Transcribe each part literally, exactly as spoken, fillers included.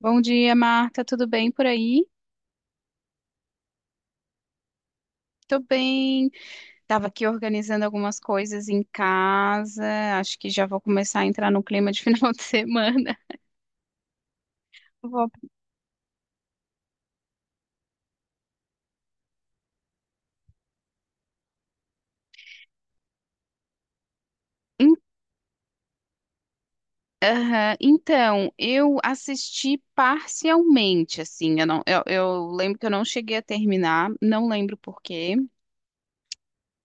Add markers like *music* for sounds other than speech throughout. Bom dia, Marta. Tudo bem por aí? Tô bem. Tava aqui organizando algumas coisas em casa. Acho que já vou começar a entrar no clima de *laughs* final de semana. Vou- Em- Aham. Então, eu assisti parcialmente, assim, eu não, eu, eu lembro que eu não cheguei a terminar, não lembro por quê,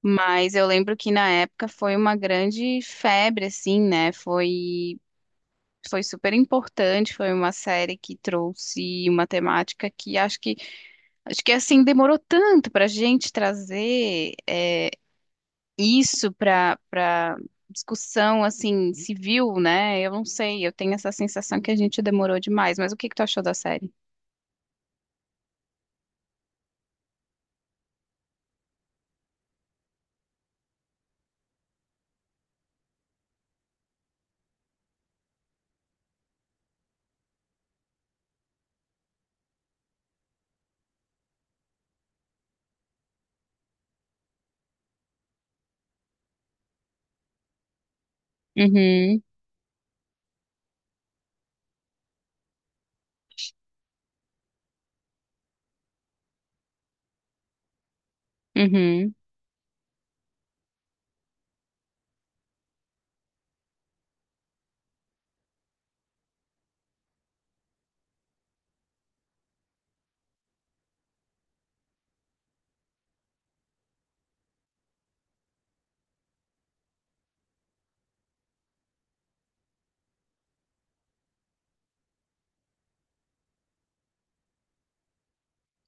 mas eu lembro que na época foi uma grande febre, assim, né? Foi, foi super importante, foi uma série que trouxe uma temática que acho que Acho que assim demorou tanto para a gente trazer é, isso para para discussão assim civil, né? Eu não sei, eu tenho essa sensação que a gente demorou demais. Mas o que que tu achou da série? Uhum, uhum.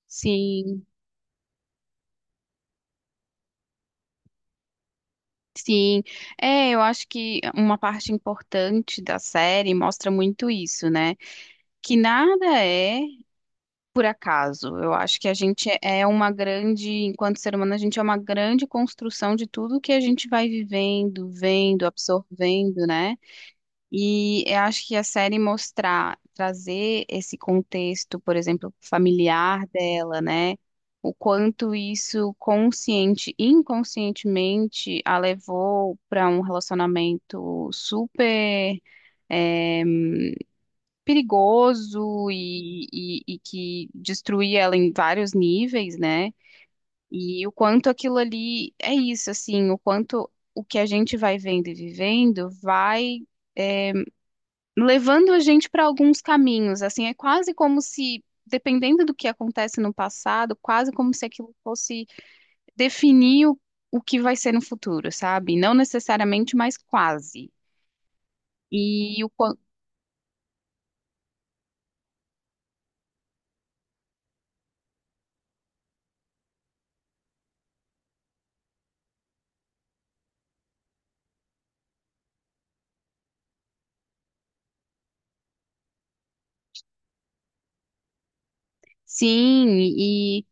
Sim, sim. É, eu acho que uma parte importante da série mostra muito isso, né? Que nada é por acaso. Eu acho que a gente é uma grande, enquanto ser humano, a gente é uma grande construção de tudo que a gente vai vivendo, vendo, absorvendo, né? E eu acho que a série mostrar, trazer esse contexto, por exemplo, familiar dela, né? O quanto isso consciente e inconscientemente a levou para um relacionamento super é, perigoso e, e, e que destruía ela em vários níveis, né? E o quanto aquilo ali é isso, assim, o quanto o que a gente vai vendo e vivendo vai levando a gente para alguns caminhos, assim, é quase como se, dependendo do que acontece no passado, quase como se aquilo fosse definir o, o que vai ser no futuro, sabe? Não necessariamente, mas quase. E o, quan- sim. E,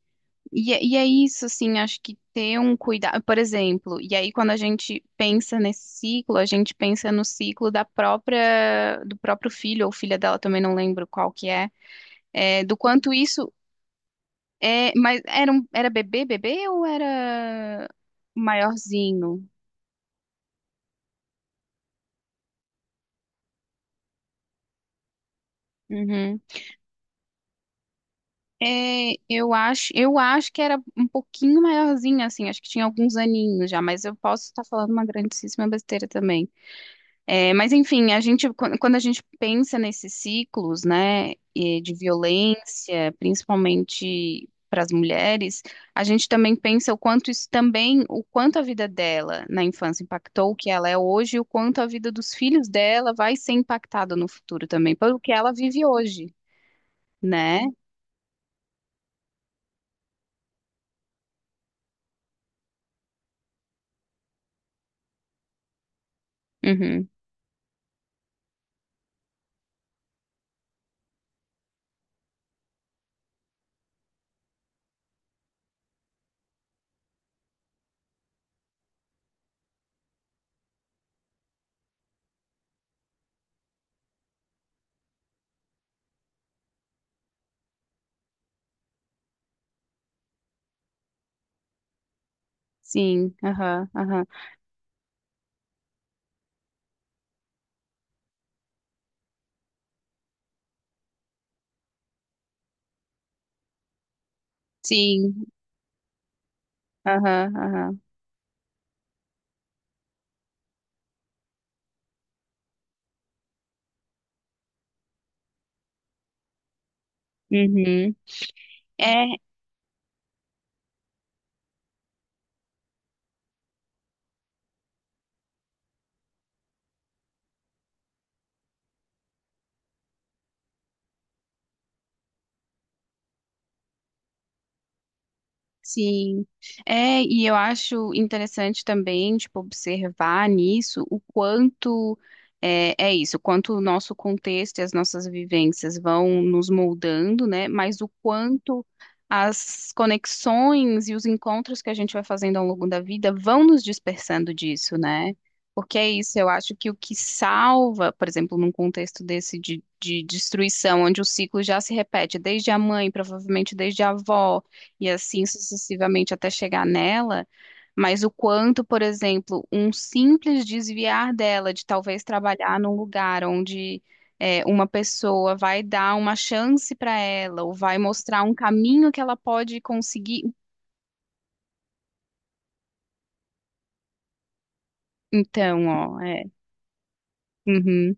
é- e é isso, assim, acho que ter um cuidado, por exemplo, e aí quando a gente pensa nesse ciclo, a gente pensa no ciclo da própria, do próprio filho ou filha dela, também não lembro qual que é, é, do quanto isso é, mas era, um, era bebê, bebê ou era maiorzinho? Uhum. É, eu acho, eu acho que era um pouquinho maiorzinho, assim, acho que tinha alguns aninhos já, mas eu posso estar falando uma grandíssima besteira também. É, mas enfim, a gente, quan- quando a gente pensa nesses ciclos, né, e de violência, principalmente para as mulheres, a gente também pensa o quanto isso também, o quanto a vida dela na infância impactou o que ela é hoje, e o quanto a vida dos filhos dela vai ser impactada no futuro também, pelo que ela vive hoje, né? Uhum. Sim, aham, aham. Sim, aham, aham. Uhum. É. Sim. É, e eu acho interessante também, tipo, observar nisso o quanto é, é isso, o quanto o nosso contexto e as nossas vivências vão nos moldando, né? Mas o quanto as conexões e os encontros que a gente vai fazendo ao longo da vida vão nos dispersando disso, né? Porque é isso, eu acho que o que salva, por exemplo, num contexto desse de, de destruição, onde o ciclo já se repete desde a mãe, provavelmente desde a avó e assim sucessivamente até chegar nela, mas o quanto, por exemplo, um simples desviar dela de talvez trabalhar num lugar onde é, uma pessoa vai dar uma chance para ela ou vai mostrar um caminho que ela pode conseguir. Então, ó, é. Uhum.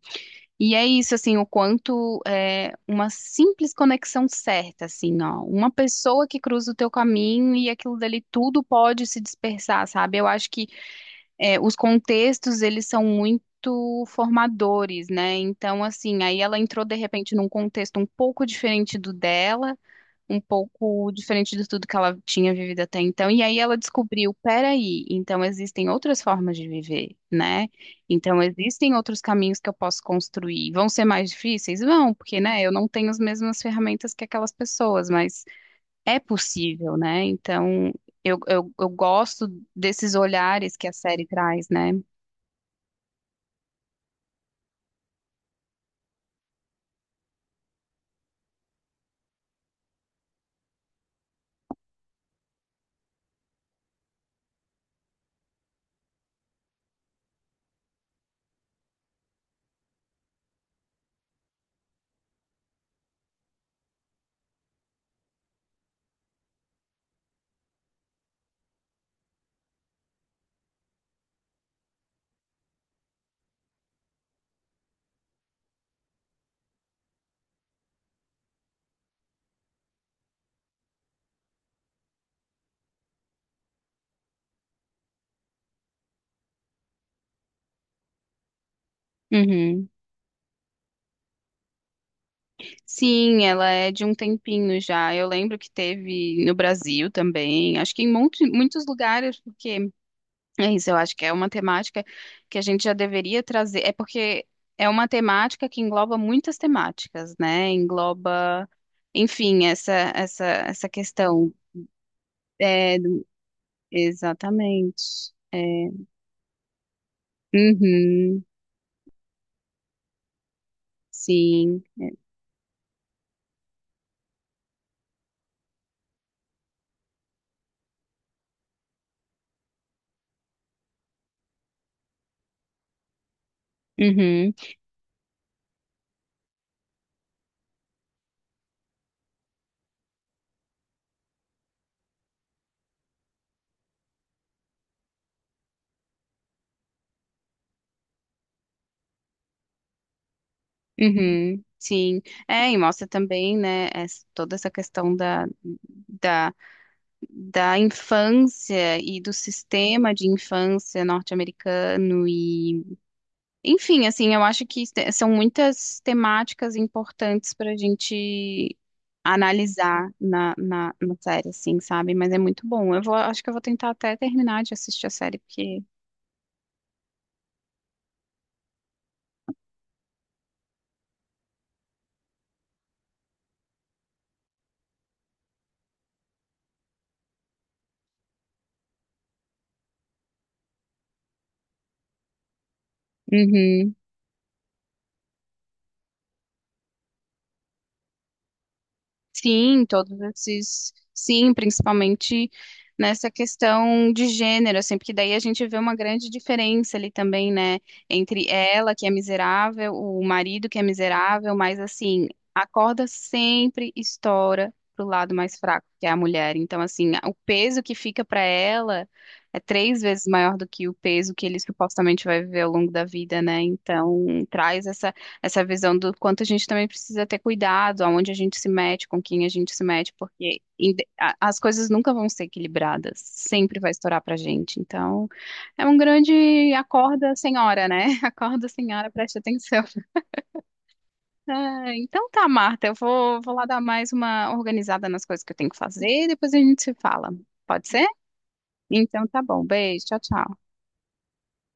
E é isso, assim, o quanto é uma simples conexão certa, assim, ó, uma pessoa que cruza o teu caminho e aquilo dali tudo pode se dispersar, sabe? Eu acho que é, os contextos, eles são muito formadores, né? Então, assim, aí ela entrou de repente num contexto um pouco diferente do dela, um pouco diferente de tudo que ela tinha vivido até então, e aí ela descobriu, peraí, então existem outras formas de viver, né? Então existem outros caminhos que eu posso construir. Vão ser mais difíceis? Vão, porque, né, eu não tenho as mesmas ferramentas que aquelas pessoas, mas é possível, né? Então, eu, eu, eu gosto desses olhares que a série traz, né? Uhum. Sim, ela é de um tempinho já. Eu lembro que teve no Brasil também, acho que em monte- muitos lugares, porque é isso, eu acho que é uma temática que a gente já deveria trazer. É porque é uma temática que engloba muitas temáticas, né? Engloba, enfim, essa, essa, essa questão. É, exatamente. É. Uhum. Sim, é. Uhum, uhum, sim, é, e mostra também, né, es- toda essa questão da, da, da infância e do sistema de infância norte-americano e, enfim, assim, eu acho que te- são muitas temáticas importantes para a gente analisar na, na, na série, assim, sabe, mas é muito bom, eu vou, acho que eu vou tentar até terminar de assistir a série, porque... Uhum. Sim, todos esses, sim, principalmente nessa questão de gênero, assim, porque daí a gente vê uma grande diferença ali também, né, entre ela, que é miserável, o marido que é miserável, mas assim, a corda sempre estoura pro lado mais fraco, que é a mulher. Então, assim, o peso que fica para ela é três vezes maior do que o peso que ele supostamente vai viver ao longo da vida, né? Então, traz essa visão do quanto a gente também precisa ter cuidado, aonde a gente se mete, com quem a gente se mete, porque inde- a- as coisas nunca vão ser equilibradas, sempre vai estourar pra gente. Então, é um grande acorda, senhora, né? *laughs* Acorda, senhora, preste atenção. *laughs* Ah, então tá, Marta, eu vou, vou lá dar mais uma organizada nas coisas que eu tenho que fazer, e depois a gente se fala. Pode ser? Então tá bom. Beijo, tchau, tchau.